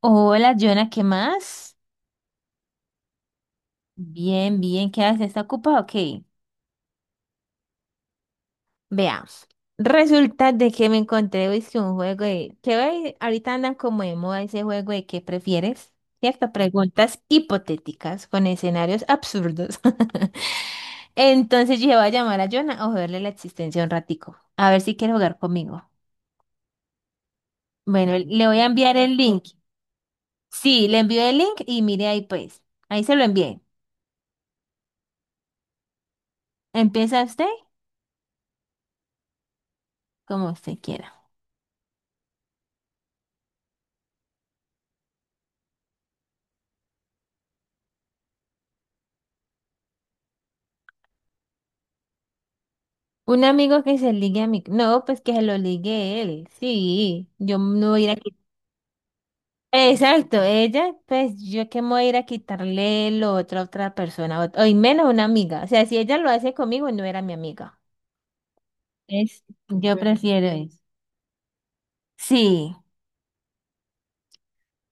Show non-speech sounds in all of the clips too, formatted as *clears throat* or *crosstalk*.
Hola, Jonah, ¿qué más? Bien, bien, ¿qué haces? ¿Está ocupado? Ok, veamos. Resulta de que me encontré hoy que hoy ahorita andan como de moda ese juego de ¿qué prefieres? ¿Cierto? Preguntas hipotéticas con escenarios absurdos. *laughs* Entonces yo voy a llamar a Jonah a joderle la existencia un ratico. A ver si quiere jugar conmigo. Bueno, le voy a enviar el link. Sí, le envío el link y mire ahí pues. Ahí se lo envié. Empieza usted como usted quiera. Un amigo que se ligue No, pues que se lo ligue él. Sí, yo no voy a ir a quitar. Exacto, ella, pues yo que me voy a ir a quitarle lo otro a otra persona, o, y menos una amiga. O sea, si ella lo hace conmigo, no era mi amiga. Es, yo Bueno, prefiero eso. Sí,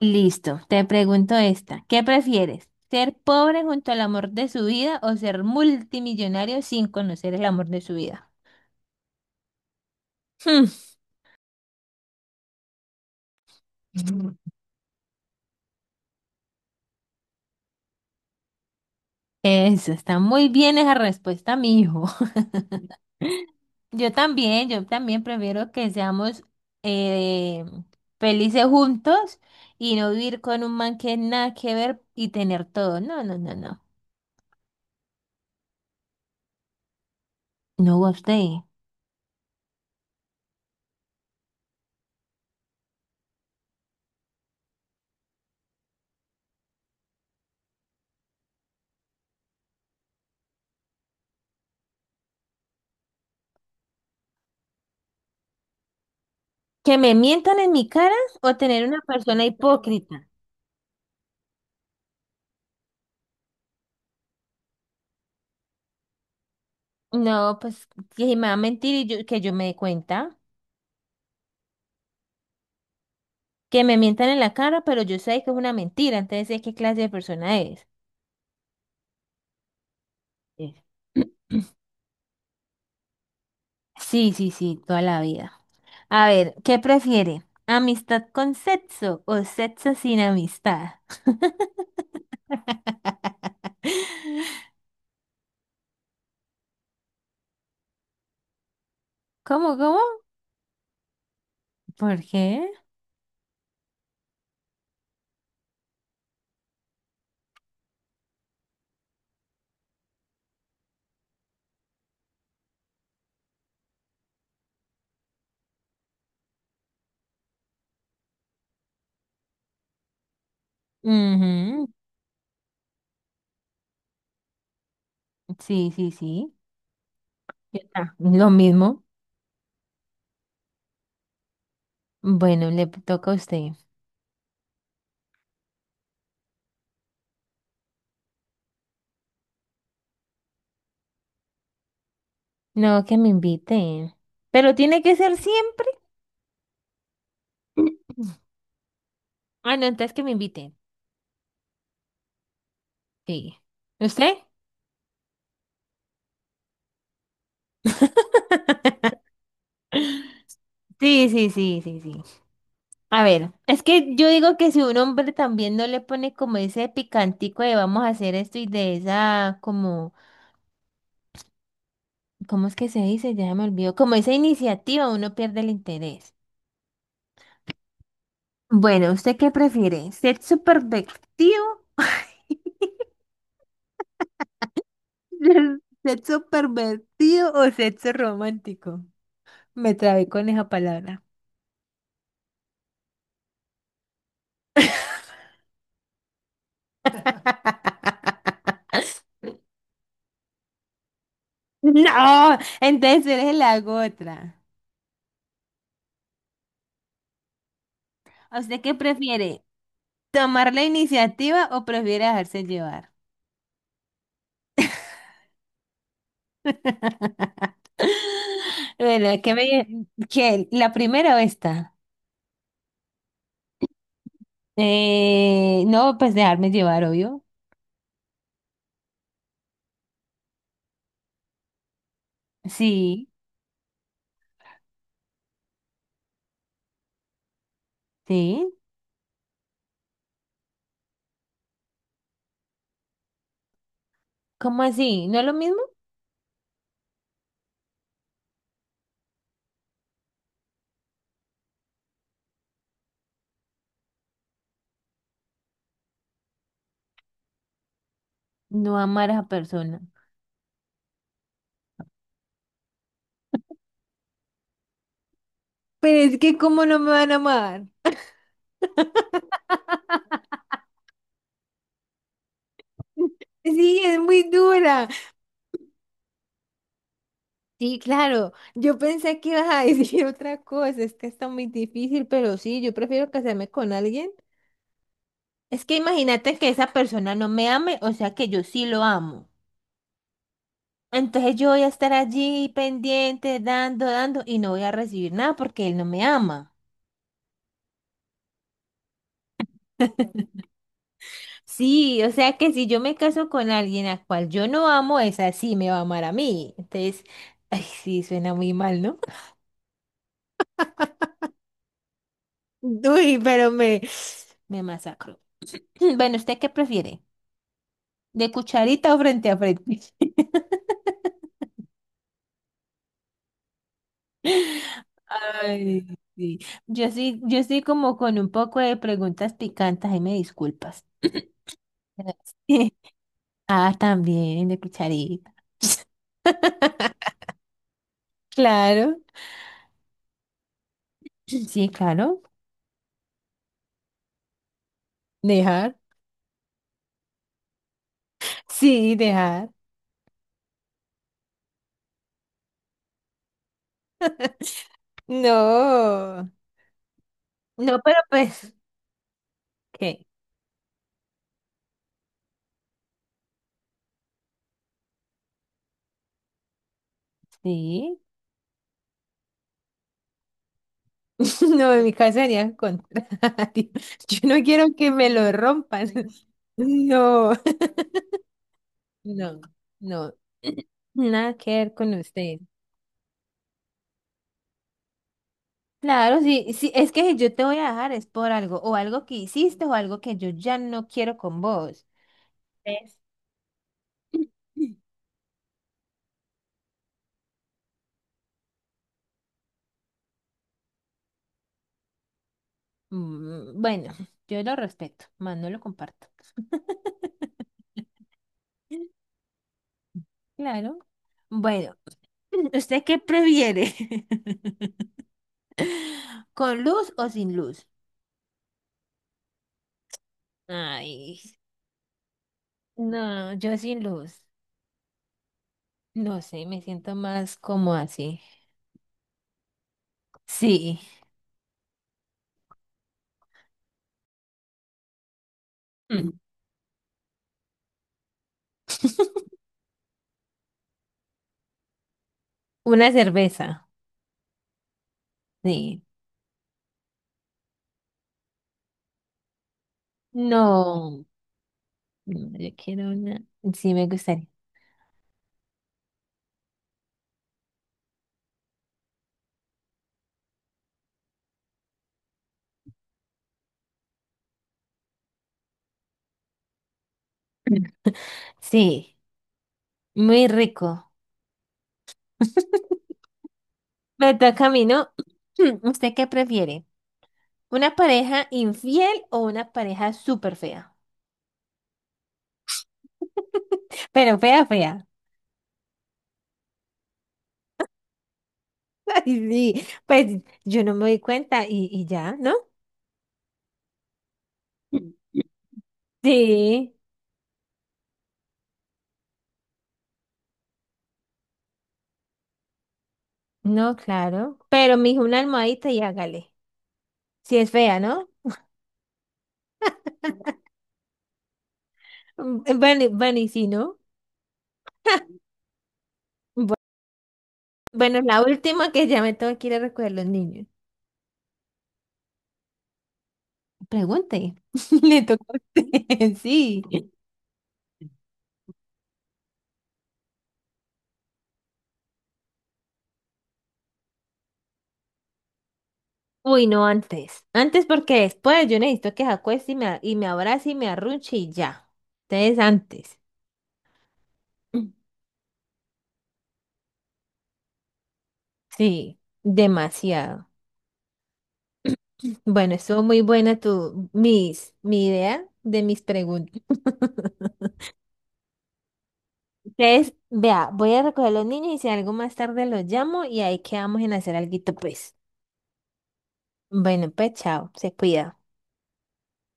listo. Te pregunto esta. ¿Qué prefieres? ¿Ser pobre junto al amor de su vida o ser multimillonario sin conocer el amor de su vida? Hmm. *laughs* Eso, está muy bien esa respuesta, mi hijo. Yo también prefiero que seamos eh, felices juntos y no vivir con un man que nada que ver y tener todo. No, no, no, no. No, usted. ¿Que me mientan en mi cara o tener una persona hipócrita? No, pues que si me va a mentir que yo me dé cuenta. Que me mientan en la cara, pero yo sé que es una mentira, entonces sé qué clase de persona es. Eh, *clears throat* Sí, sí, sí, toda la vida. A ver, ¿qué prefiere? ¿Amistad con sexo o sexo sin amistad? *laughs* ¿Cómo, cómo? ¿Por qué? Ujú. Sí, sí, sí. Ya está, lo mismo. Bueno, le toca a usted. No, que me inviten. Pero tiene que ser siempre. Ah, no, entonces que me inviten. Sí. ¿Usted? *laughs* Sí, sí, sí, sí, sí. A ver, es que yo digo que si un hombre también no le pone como ese picantico de vamos a hacer esto y de esa como, ¿cómo es que se dice? Ya me olvidó, como esa iniciativa uno pierde el interés. Bueno, ¿usted qué prefiere? ¿Ser supervertido? *laughs* ¿Sexo pervertido o sexo romántico? Me trabé con esa palabra. *laughs* No, entonces le hago otra. ¿A usted qué prefiere? ¿Tomar la iniciativa o prefiere dejarse llevar? *laughs* Bueno, qué, la primera o esta? No, pues dejarme llevar, obvio. Sí, sí. ¿Cómo así? ¿No es lo mismo? No amar a esa persona. Pero es que ¿cómo no me van a amar? Sí, es muy dura. Sí, claro. Yo pensé que ibas a decir *laughs* otra cosa. Es que está muy difícil, pero sí, yo prefiero casarme con alguien. Es que imagínate que esa persona no me ame, o sea que yo sí lo amo. Entonces yo voy a estar allí pendiente, dando, dando, y no voy a recibir nada porque él no me ama. Sí, o sea que si yo me caso con alguien a cual yo no amo, esa sí me va a amar a mí. Entonces, ay, sí, suena muy mal, ¿no? *laughs* Uy, pero me masacro. *clears throat* Bueno, ¿usted qué prefiere? ¿De cucharita o frente a frente? *laughs* Ay, sí. Yo sí como con un poco de preguntas picantes, ahí me disculpas. *laughs* Ah, también, de cucharita. *laughs* Claro, sí, claro. Dejar. Sí, dejar. No, no, pero pues, ¿qué? Sí. *laughs* No, en mi caso sería al contrario. *laughs* Yo no quiero que me lo rompan. *laughs* No, no, no. *clears throat* Nada que ver con usted. Claro, sí, sí, es que si yo te voy a dejar es por algo, o algo que hiciste, o algo que yo ya no quiero con vos. ¿Ves? *clears throat* Bueno, yo lo respeto, más no lo comparto. *laughs* Claro. Bueno, *clears throat* *laughs* ¿usted qué prefiere? *laughs* ¿Con luz o sin luz? Ay, no, yo sin luz. No sé, me siento más como así. Sí, Mm. una cerveza. Sí. No. No, yo quiero una. Sí, me gustaría. Sí, muy rico. Me toca a mí, ¿no? *clears throat* ¿Usted qué prefiere? ¿Una pareja infiel o una pareja súper fea? Pero fea, fea. *laughs* Ay, sí, pues yo no me doy cuenta y ya, ¿no? Sí, no, claro. Pero me dijo una almohadita y hágale. Si es fea, ¿no? Bueno, bueno, y si no. Bueno, la última que ya me tengo que ir a recoger los niños. Pregunte, *laughs* le tocó a usted, *laughs* sí. Uy, no antes. Antes porque después yo necesito que se acueste y me abrace y me arrunche y ya. Entonces antes. Sí, demasiado. Bueno, estuvo muy buena mi idea de mis preguntas. *laughs* Entonces, vea, voy a recoger a los niños y si algo más tarde los llamo y ahí quedamos en hacer alguito, pues. Bueno, pues chao, se cuida.